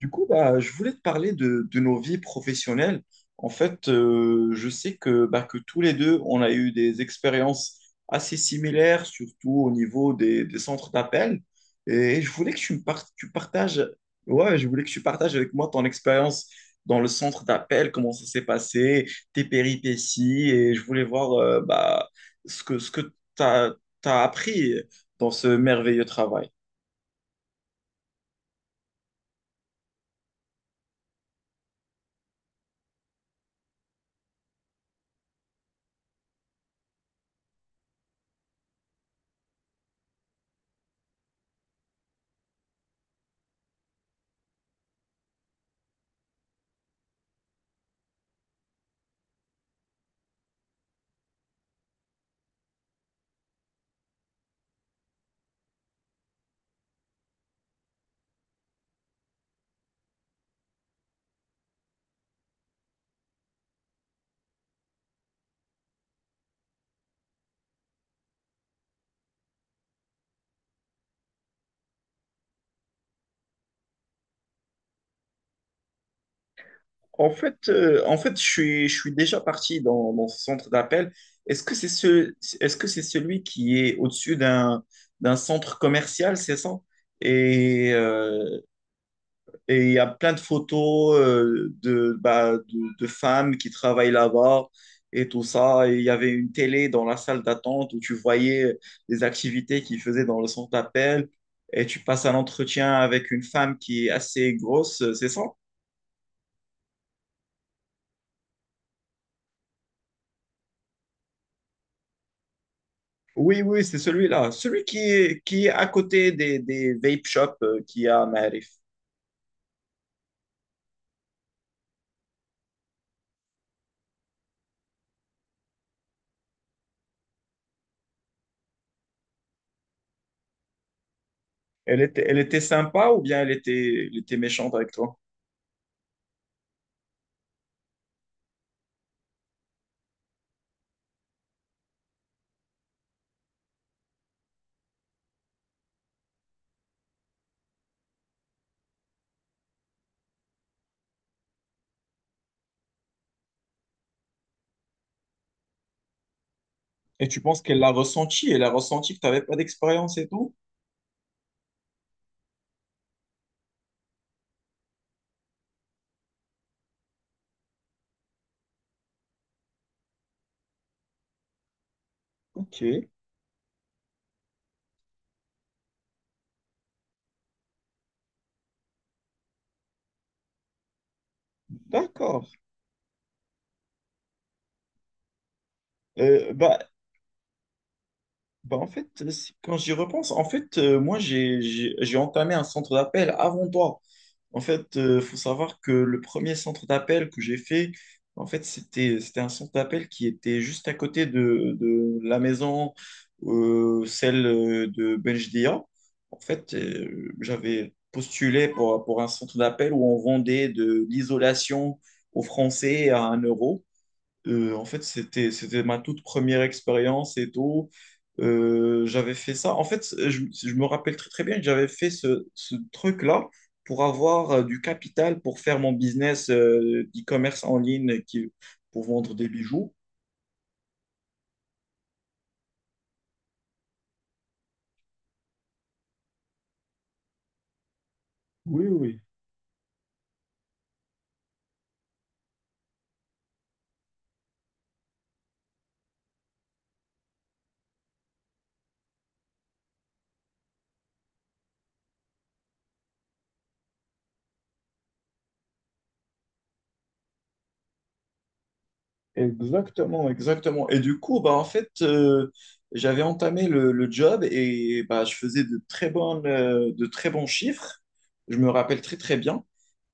Du coup, bah, je voulais te parler de nos vies professionnelles. En fait, je sais bah, que tous les deux, on a eu des expériences assez similaires, surtout au niveau des centres d'appel. Et je voulais que tu partages, ouais, je voulais que tu partages avec moi ton expérience dans le centre d'appel, comment ça s'est passé, tes péripéties. Et je voulais voir, bah, ce que tu as appris dans ce merveilleux travail. En fait, je suis déjà parti dans ce centre d'appel. Est-ce que c'est ce, est-ce que c'est celui qui est au-dessus d'un centre commercial, c'est ça? Et euh, et il y a plein de photos de, bah, de femmes qui travaillent là-bas et tout ça. Et il y avait une télé dans la salle d'attente où tu voyais les activités qu'ils faisaient dans le centre d'appel. Et tu passes un entretien avec une femme qui est assez grosse, c'est ça? Oui, oui, c'est celui-là. Celui qui est à côté des vape shops qu'il y a à Maarif. Elle était sympa ou bien elle était méchante avec toi? Et tu penses qu'elle l'a ressenti? Elle a ressenti que tu n'avais pas d'expérience et tout? Ok, d'accord. Euh, bah, Bah, en fait, quand j'y repense, en fait, moi, j'ai entamé un centre d'appel avant toi. En fait, faut savoir que le premier centre d'appel que j'ai fait, en fait, c'était un centre d'appel qui était juste à côté de la maison, celle de Benjdia. En fait, j'avais postulé pour un centre d'appel où on vendait de l'isolation aux Français à 1 euro. En fait, c'était ma toute première expérience et tout. J'avais fait ça. En fait, je me rappelle très, très bien que j'avais fait ce truc-là pour avoir du capital pour faire mon business d'e-commerce en ligne pour vendre des bijoux. Oui, oui. Exactement, exactement. Et du coup, bah, en fait, j'avais entamé le job et bah, je faisais de très bons chiffres. Je me rappelle très, très bien.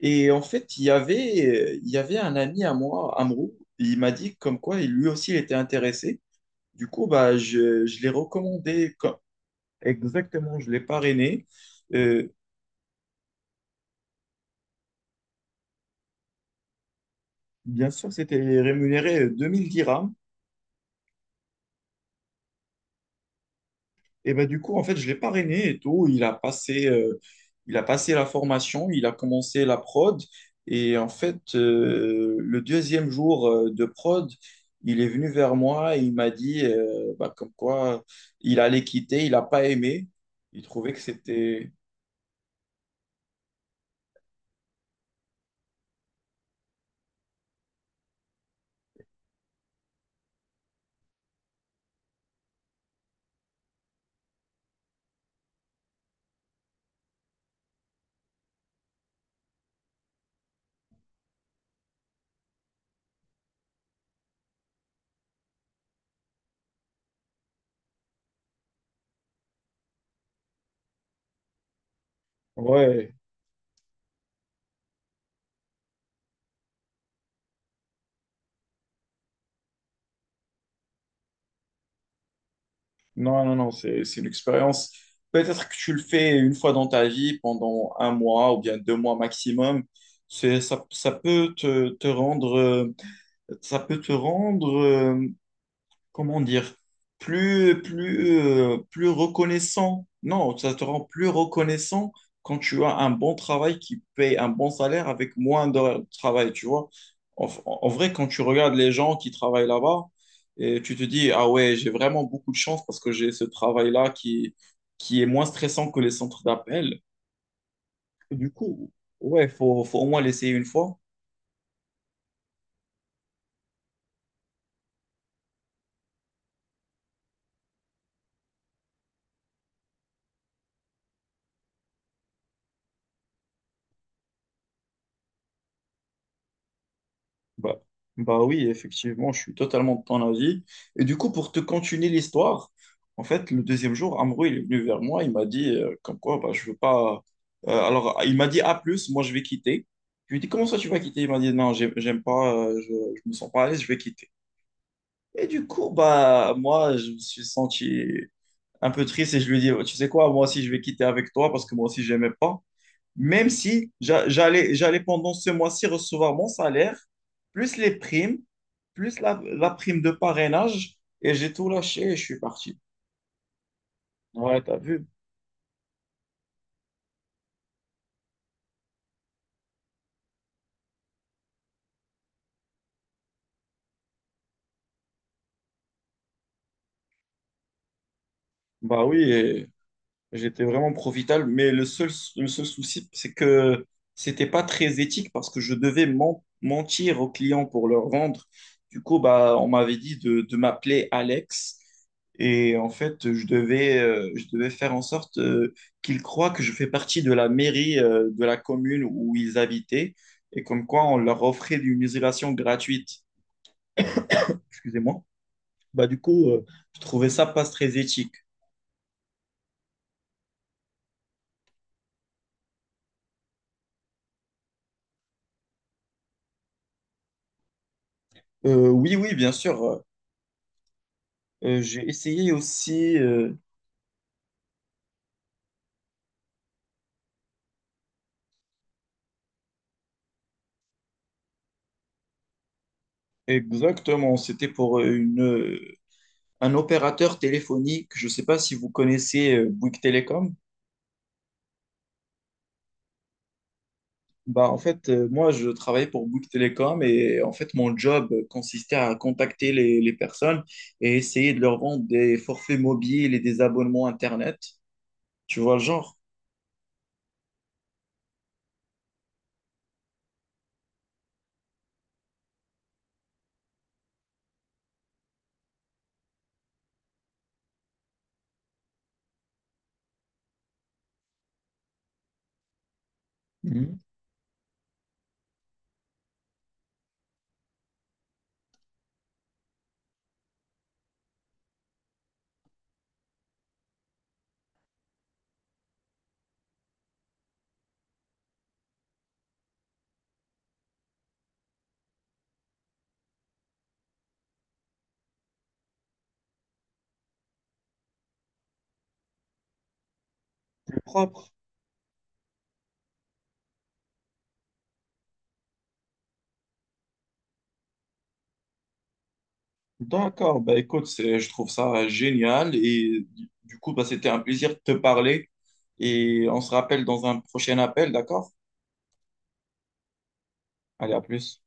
Et en fait, il y avait un ami à moi, Amrou, il m'a dit comme quoi lui aussi il était intéressé. Du coup, bah, je l'ai recommandé. Exactement, je l'ai parrainé. Euh, bien sûr, c'était rémunéré 2 000 dirhams. Et ben, du coup, en fait, je l'ai parrainé et tout. Il a passé la formation, il a commencé la prod. Et en fait, le deuxième jour de prod, il est venu vers moi et il m'a dit bah, comme quoi il allait quitter, il n'a pas aimé. Il trouvait que c'était. Ouais, non, non, non, c'est une expérience. Peut-être que tu le fais une fois dans ta vie, pendant 1 mois ou bien 2 mois maximum. Ça peut te rendre... ça peut te rendre, comment dire, plus reconnaissant. Non, ça te rend plus reconnaissant quand tu as un bon travail qui paye un bon salaire avec moins d'heures de travail, tu vois. En vrai, quand tu regardes les gens qui travaillent là-bas, et tu te dis, ah ouais, j'ai vraiment beaucoup de chance parce que j'ai ce travail-là qui est moins stressant que les centres d'appel. Du coup, ouais, faut au moins l'essayer une fois. Bah, bah, oui, effectivement, je suis totalement de ton avis. Et du coup, pour te continuer l'histoire, en fait, le deuxième jour, Amrou, il est venu vers moi, il m'a dit, comme quoi, bah, je veux pas, alors, il m'a dit, à plus, moi, je vais quitter. Je lui ai dit, comment ça, tu vas quitter? Il m'a dit, non, j'aime pas, je me sens pas à l'aise, je vais quitter. Et du coup, bah, moi, je me suis senti un peu triste et je lui ai dit, tu sais quoi, moi aussi, je vais quitter avec toi parce que moi aussi, j'aimais pas. Même si j'allais pendant ce mois-ci recevoir mon salaire, plus les primes, plus la prime de parrainage, et j'ai tout lâché et je suis parti. Ouais, t'as vu? Bah oui. J'étais vraiment profitable, mais le seul souci, c'est que c'était pas très éthique parce que je devais mentir aux clients pour leur vendre. Du coup, bah, on m'avait dit de m'appeler Alex. Et en fait, je devais faire en sorte qu'ils croient que je fais partie de la mairie de la commune où ils habitaient et comme quoi on leur offrait une isolation gratuite. Excusez-moi. Bah, du coup, je trouvais ça pas très éthique. Oui, oui, bien sûr. J'ai essayé aussi, exactement, c'était pour un opérateur téléphonique. Je ne sais pas si vous connaissez Bouygues Télécom. Bah, en fait, moi, je travaillais pour Bouygues Télécom et en fait, mon job consistait à contacter les personnes et essayer de leur vendre des forfaits mobiles et des abonnements Internet. Tu vois le genre? Mhm. Propre. D'accord, bah écoute, je trouve ça génial et du coup, bah, c'était un plaisir de te parler et on se rappelle dans un prochain appel, d'accord? Allez, à plus.